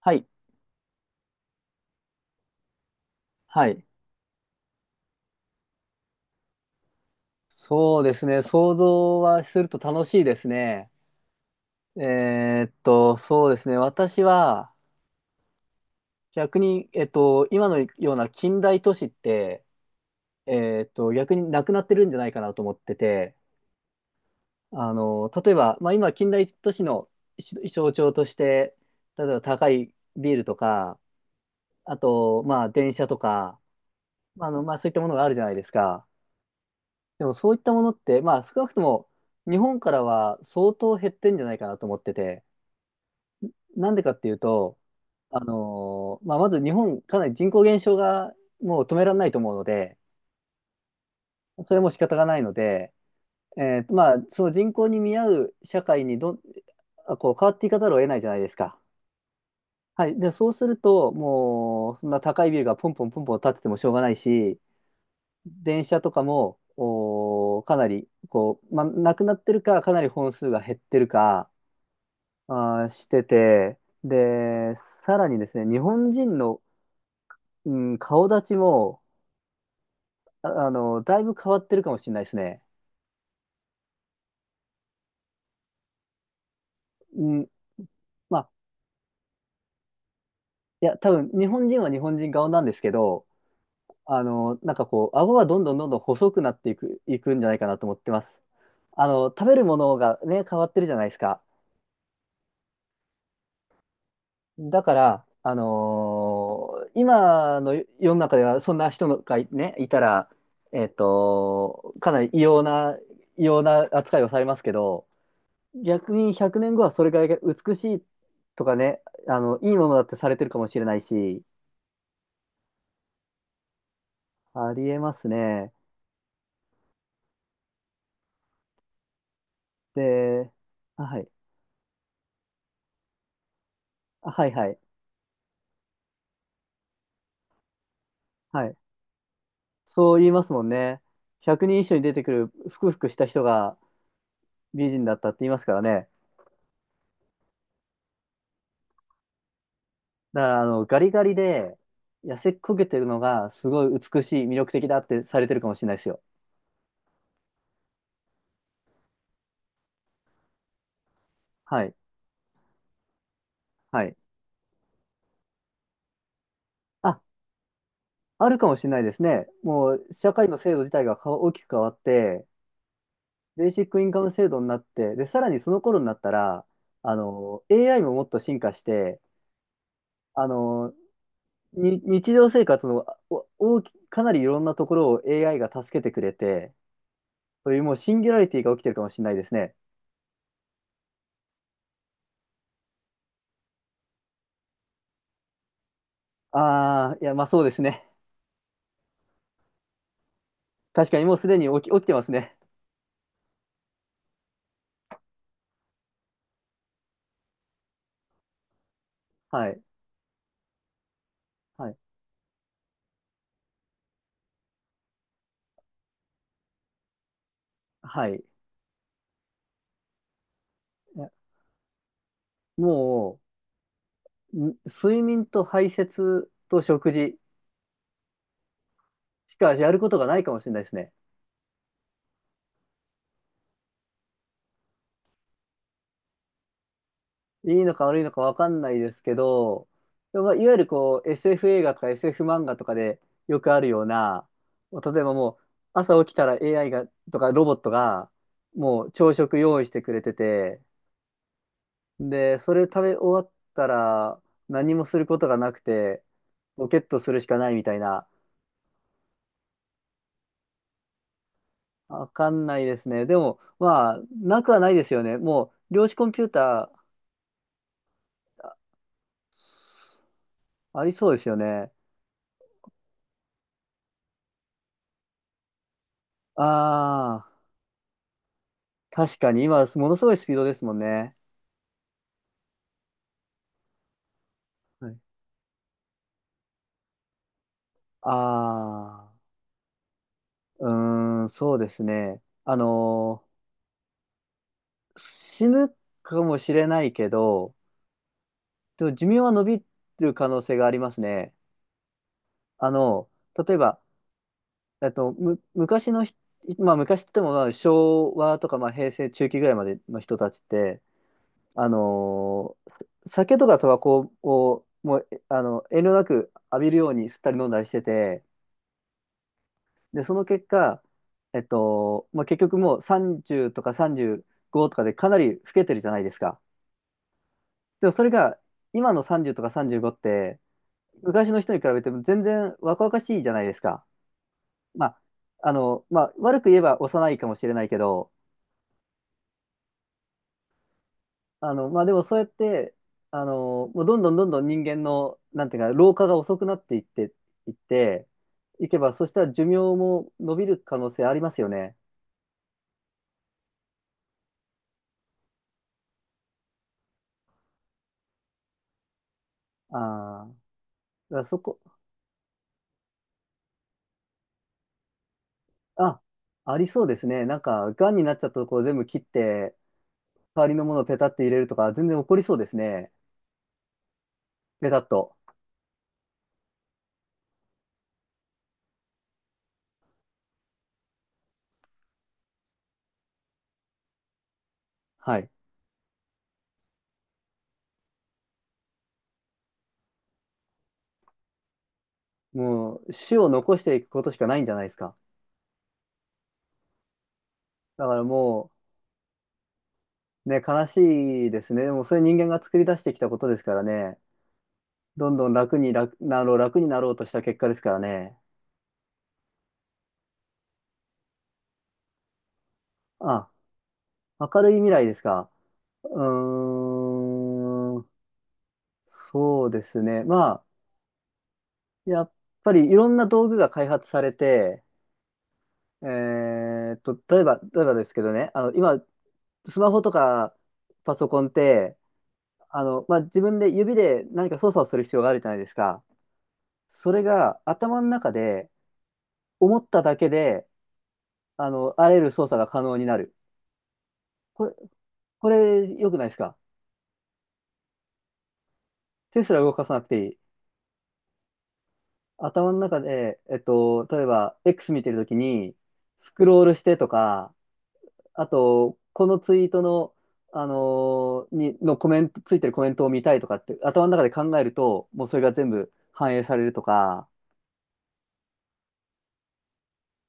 はい。はい。そうですね。想像はすると楽しいですね。そうですね。私は逆に、今のような近代都市って、逆になくなってるんじゃないかなと思ってて、例えば、まあ、今、近代都市の象徴として、例えば高いビールとか、あと、まあ、電車とか、まあ、そういったものがあるじゃないですか。でもそういったものって、まあ少なくとも日本からは相当減ってんじゃないかなと思ってて、なんでかっていうと、まあまず日本かなり人口減少がもう止められないと思うので、それも仕方がないので、まあその人口に見合う社会にどん、あこう変わっていかざるを得ないじゃないですか。はい。で、そうすると、もうそんな高いビルがポンポンポンポン建っててもしょうがないし、電車とかも、かなり、こう、まあ、なくなってるか、かなり本数が減ってるか、してて、で、さらにですね、日本人の、うん、顔立ちも、だいぶ変わってるかもしれないですね。うん、まあ、いや、多分、日本人は日本人顔なんですけど、なんかこう、顎はどんどんどんどん細くなっていくんじゃないかなと思ってます。食べるものがね、変わってるじゃないですか。だから、今の世の中ではそんな人がいたら、かなり異様な扱いをされますけど、逆に100年後はそれが美しいとかね、いいものだってされてるかもしれないし、ありえますね。で、あはい、あはいはい、はい。そう言いますもんね。100人一緒に出てくるふくふくした人が美人だったって言いますからね。だから、ガリガリで、痩せこけてるのが、すごい美しい、魅力的だってされてるかもしれないですよ。はい。はい。あ、あるかもしれないですね。もう、社会の制度自体が大きく変わって、ベーシックインカム制度になって、で、さらにその頃になったら、AI ももっと進化して、あの、日常生活のお大き、かなりいろんなところを AI が助けてくれて、そういうもうシンギュラリティが起きてるかもしれないですね。ああ、いや、まあそうですね。確かにもうすでに起きてますね。はい、はい、はい。いやもう、睡眠と排泄と食事しかやることがないかもしれないですね。いいのか悪いのかわかんないですけど、でもまあいわゆるこう SF 映画とか SF 漫画とかでよくあるような、例えばもう朝起きたら AI がとかロボットがもう朝食用意してくれてて、で、それ食べ終わったら何もすることがなくて、ロケットするしかないみたいな。わかんないですね。でも、まあ、なくはないですよね。もう、量子コンピューター、あありそうですよね。ああ、確かに今、ものすごいスピードですもんね。はいああ、うーん、そうですね。死ぬかもしれないけど、でも寿命は伸びる可能性がありますね。あの、例えば、えっと、む、昔のひ、まあ、昔って言っても、まあ、昭和とか、まあ、平成中期ぐらいまでの人たちって、あのー酒とかタバコをもう、えあの、遠慮なく浴びるように吸ったり飲んだりしてて、で、その結果、まあ、結局もう30とか35とかでかなり老けてるじゃないですか。でもそれが今の30とか35って昔の人に比べても全然若々しいじゃないですか。まあ、まあ、悪く言えば幼いかもしれないけど、まあ、でもそうやって、もうどんどんどんどん人間の、なんていうか、老化が遅くなっていって、いけば、そしたら寿命も伸びる可能性ありますよね。ああ、だからそこ、あ、ありそうですね。なんか、癌になっちゃったところ全部切って、代わりのものをペタって入れるとか、全然起こりそうですね。ペタッと。はい。もう、種を残していくことしかないんじゃないですか。だからもう、ね、悲しいですね。でも、それ人間が作り出してきたことですからね。どんどん楽に楽になろうとした結果ですからね。あ、明るい未来ですか？うーん、そうですね。まあ、やっぱりいろんな道具が開発されて、例えばですけどね、今、スマホとかパソコンって、まあ、自分で指で何か操作をする必要があるじゃないですか。それが頭の中で思っただけで、あらゆる操作が可能になる。これ、これ良くないですか？手すら動かさなくていい。頭の中で、例えば X 見てるときに、スクロールしてとか、あと、このツイートの、あのーに、のコメント、ついてるコメントを見たいとかって、頭の中で考えると、もうそれが全部反映されるとか、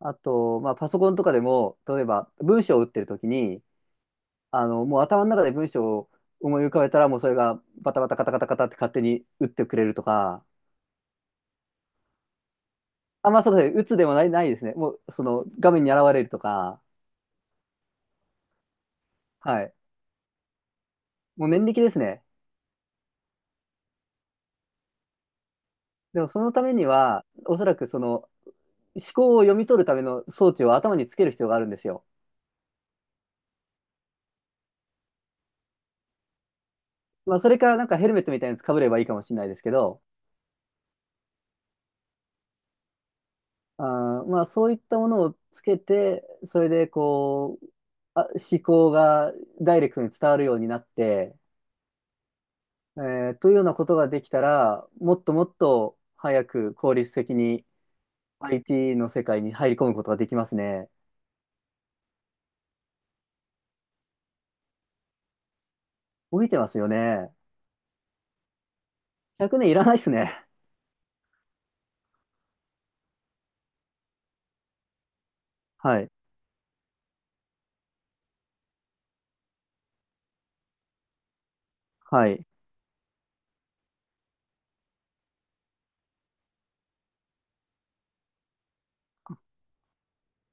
あと、まあ、パソコンとかでも、例えば文章を打ってるときに、もう頭の中で文章を思い浮かべたら、もうそれがバタバタカタカタカタって勝手に打ってくれるとか、まあそうですね、打つでもない、ですね。もう、その、画面に現れるとか、はい。もう念力ですね。でもそのためには、おそらくその思考を読み取るための装置を頭につける必要があるんですよ。まあ、それか、なんかヘルメットみたいなやつかぶればいいかもしれないですけど、あまあ、そういったものをつけて、それでこう、思考がダイレクトに伝わるようになって、えというようなことができたら、もっともっと早く効率的に IT の世界に入り込むことができますね。伸びてますよね。100年いらないですね。はい。はい。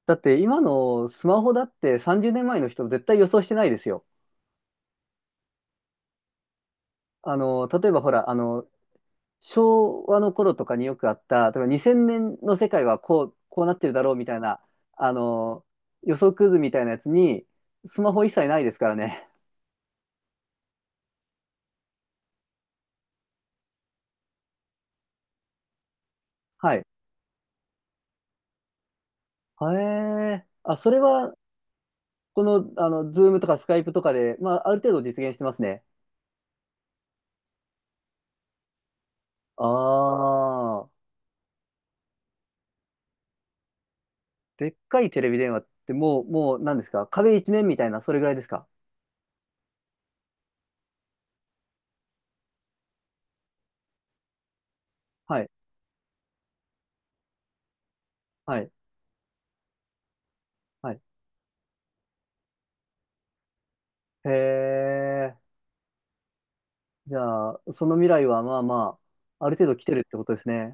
だって今のスマホだって30年前の人絶対予想してないですよ。例えばほら、昭和の頃とかによくあった、例えば2000年の世界はこうなってるだろうみたいな、あの、予測図みたいなやつに、スマホ一切ないですからね。はい。へえ。それは、この、あの、ズームとかスカイプとかで、まあ、ある程度実現してますね。ああ。でっかいテレビ電話ってもう何ですか？壁一面みたいな、それぐらいですか？はい。はい。はい。へえ。じゃあ、その未来はまあまあ、ある程度来てるってことですね。